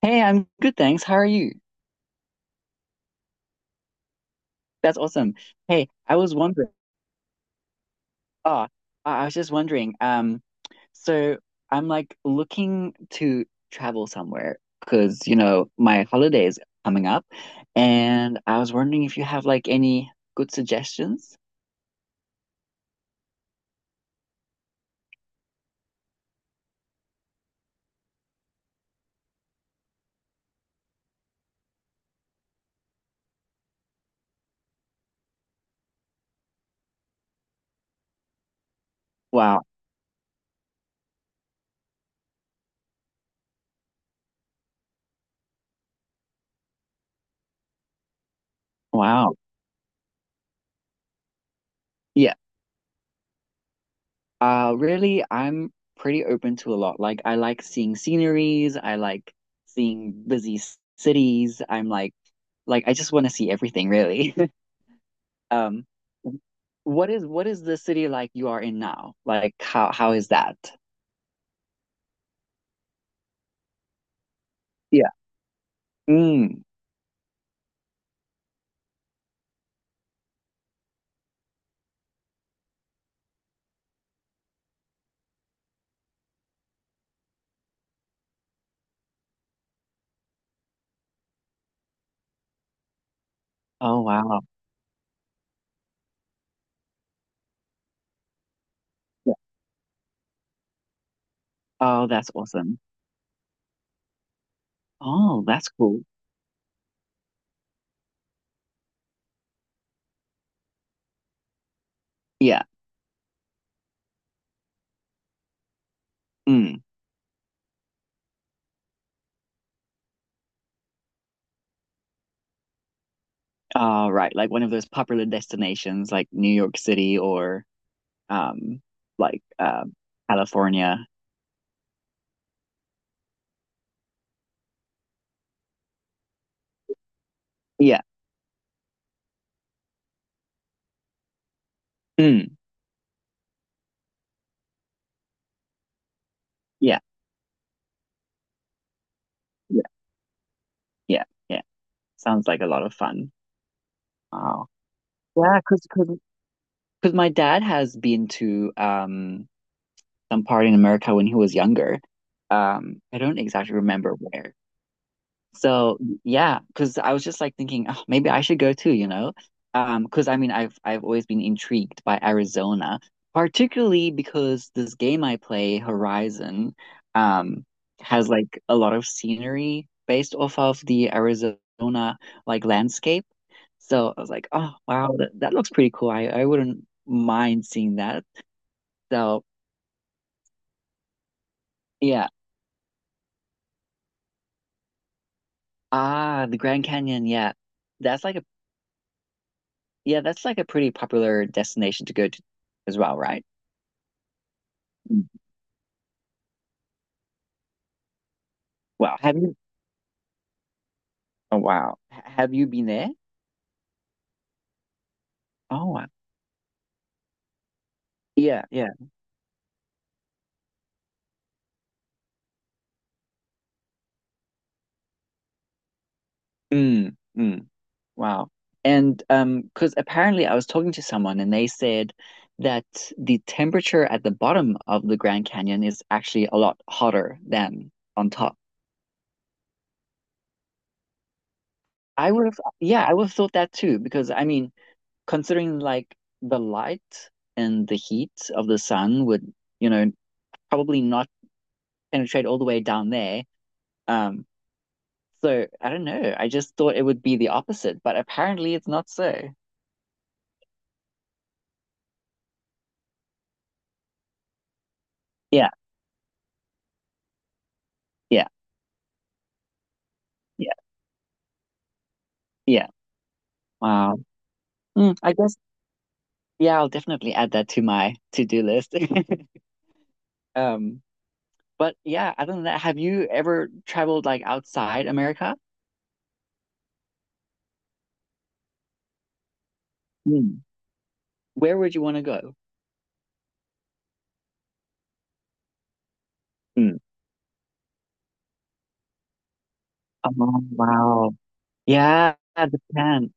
Hey, I'm good, thanks. How are you? That's awesome. Hey, I was wondering. Oh, I was just wondering. So I'm like looking to travel somewhere because you know my holiday is coming up, and I was wondering if you have like any good suggestions. Wow, wow. Yeah. Really, I'm pretty open to a lot. Like, I like seeing sceneries. I like seeing busy cities. Like I just want to see everything, really. Um, what is the city like you are in now? Like how is that? Yeah. Mm. Oh wow. Yeah. Oh, that's awesome. Oh, that's cool. Yeah. Mm. All right. Like one of those popular destinations like New York City or um like um California. Yeah. Mm. Yeah. Yeah. Yeah. Yeah. Sounds like a lot of fun. Wow. Yeah, because my dad has been to some part in America when he was younger. I don't exactly remember where. So yeah, because I was just like thinking, oh, maybe I should go too, you know? Because I mean, I've always been intrigued by Arizona, particularly because this game I play, Horizon, um, has like a lot of scenery based off of the Arizona like landscape. So I was like, oh wow, that looks pretty cool. I wouldn't mind seeing that. So yeah. Ah, the Grand Canyon, yeah. That's like a yeah, that's like a pretty popular destination to go to as well, right? Mm. Wow. Have you been there? Oh wow. Yeah, yeah. Mm, mm, wow. And because apparently I was talking to someone and they said that the temperature at the bottom of the Grand Canyon is actually a lot hotter than on top. I would have thought that too, because I mean, considering like the light and the heat of the sun would, you know, probably not penetrate all the way down there. Um, so I don't know. I just thought it would be the opposite, but apparently it's not so. Yeah, yeah, yeah, yeah. Wow. I guess yeah, I'll definitely add that to my to-do list. Um, but yeah, other than that, have you ever traveled like outside America? Mm. Where would you want to go? Mm. Oh, wow. Yeah, Japan.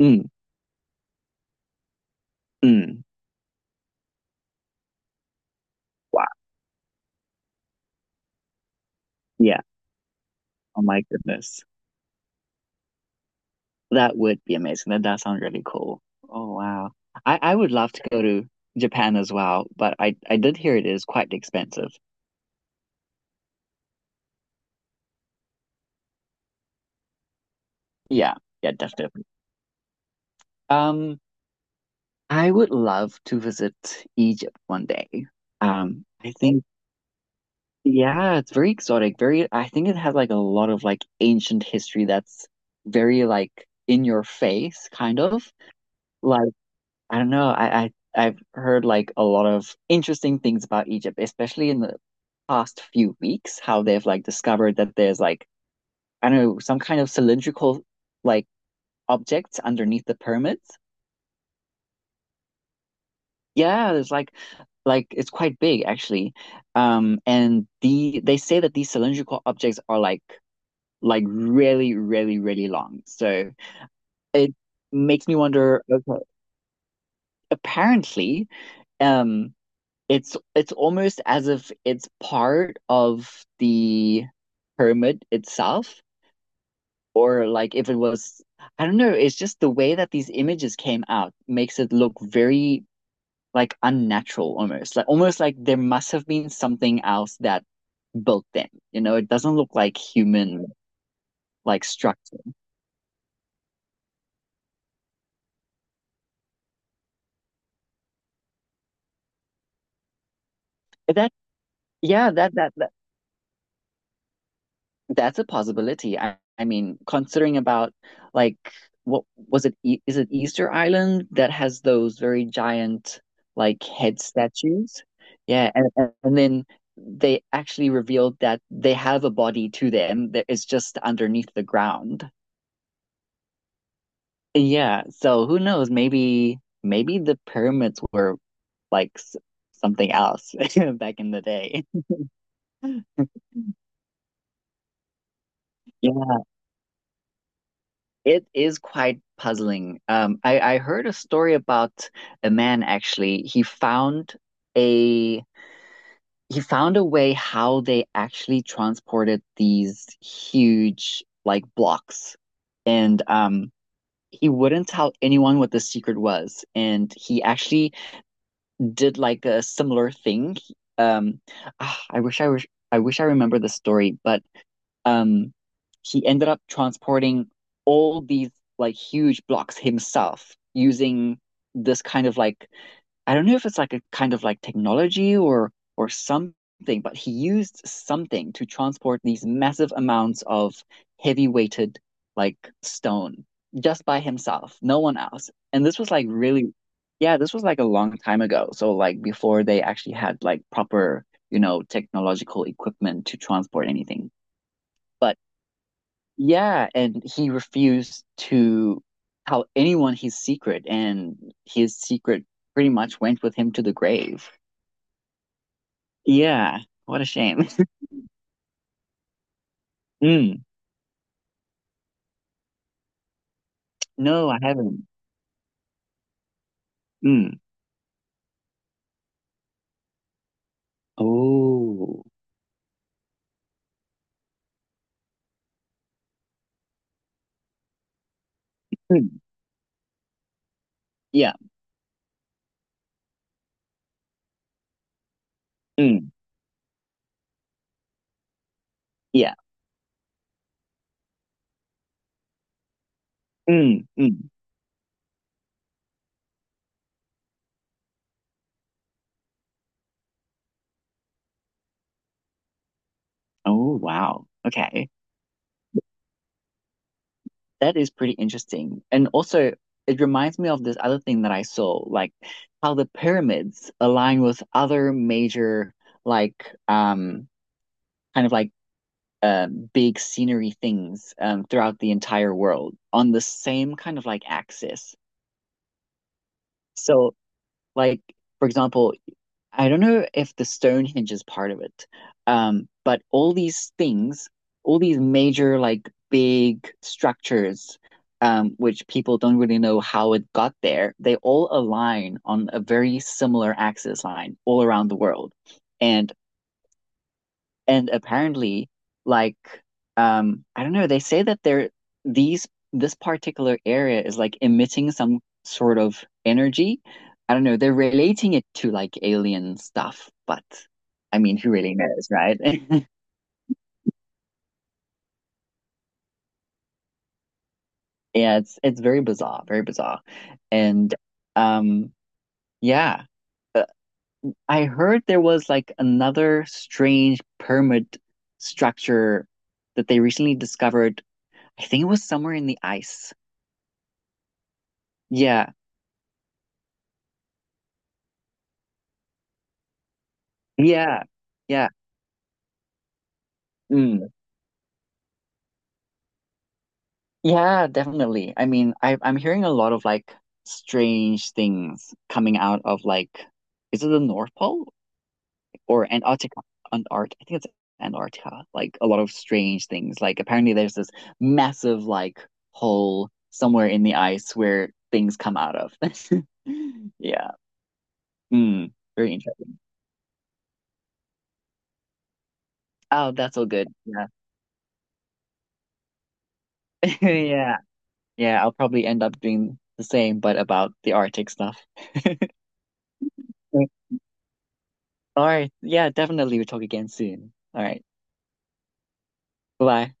Mm, mm. Wow. Yeah. Oh my goodness. That would be amazing. That does sound really cool. Oh wow. I would love to go to Japan as well, but I did hear it is quite expensive. Yeah, yeah, definitely. Um, I would love to visit Egypt one day. Um, I think yeah, it's very exotic. Very, I think it has like a lot of like ancient history that's very like in your face, kind of. Like I don't know. I've heard like a lot of interesting things about Egypt, especially in the past few weeks, how they've like discovered that there's like I don't know some kind of cylindrical like objects underneath the pyramids. Yeah, there's like it's quite big actually. And they say that these cylindrical objects are like really long. So it makes me wonder. Okay, apparently. Um, it's almost as if it's part of the pyramid itself, or like if it was, I don't know, it's just the way that these images came out makes it look very like unnatural almost. Like almost like there must have been something else that built them. You know, it doesn't look like human like structure. That yeah, that that That's a possibility. I mean, considering about like what was it? E Is it Easter Island that has those very giant like head statues? Yeah, and and then they actually revealed that they have a body to them that is just underneath the ground. Yeah, so who knows? Maybe the pyramids were like s something else back in the day. It is quite puzzling. I heard a story about a man actually. A he found a way how they actually transported these huge like blocks, and he wouldn't tell anyone what the secret was. And he actually did like a similar thing. Um, ah, I wish I wish I remember the story, but um, he ended up transporting all these like huge blocks himself using this kind of like I don't know if it's like a kind of like technology or something, but he used something to transport these massive amounts of heavy weighted like stone just by himself, no one else. And this was like really, yeah, this was like a long time ago. So like before they actually had like proper, you know, technological equipment to transport anything. But yeah, and he refused to tell anyone his secret, and his secret pretty much went with him to the grave. Yeah, what a shame. Mm. No, I haven't. Mm. Oh. Mm. Yeah. Mm. Yeah. Mm. Mm. Oh, wow. Okay. That is pretty interesting. And also, it reminds me of this other thing that I saw, like how the pyramids align with other major, like, kind of like big scenery things throughout the entire world on the same kind of like axis. So, like for example, I don't know if the Stonehenge is part of it, but all these things, all these major like big structures, which people don't really know how it got there, they all align on a very similar axis line all around the world. And apparently, like, I don't know, they say that they're these this particular area is like emitting some sort of energy. I don't know, they're relating it to like alien stuff, but I mean, who really knows, right? Yeah, it's very bizarre, very bizarre. And um yeah, uh, I heard there was like another strange pyramid structure that they recently discovered. I think it was somewhere in the ice. Yeah. Yeah, yeah, mm, yeah, definitely. I mean, I'm hearing a lot of like strange things coming out of like, is it the North Pole or Antarctica? I think it's Antarctica. Like a lot of strange things. Like apparently there's this massive like hole somewhere in the ice where things come out of. Yeah, mm, very interesting. Oh, that's all good. Yeah, yeah, yeah. I'll probably end up doing the same, but about the Arctic stuff. All right. Yeah, definitely. We'll talk again soon. All right. Bye-bye.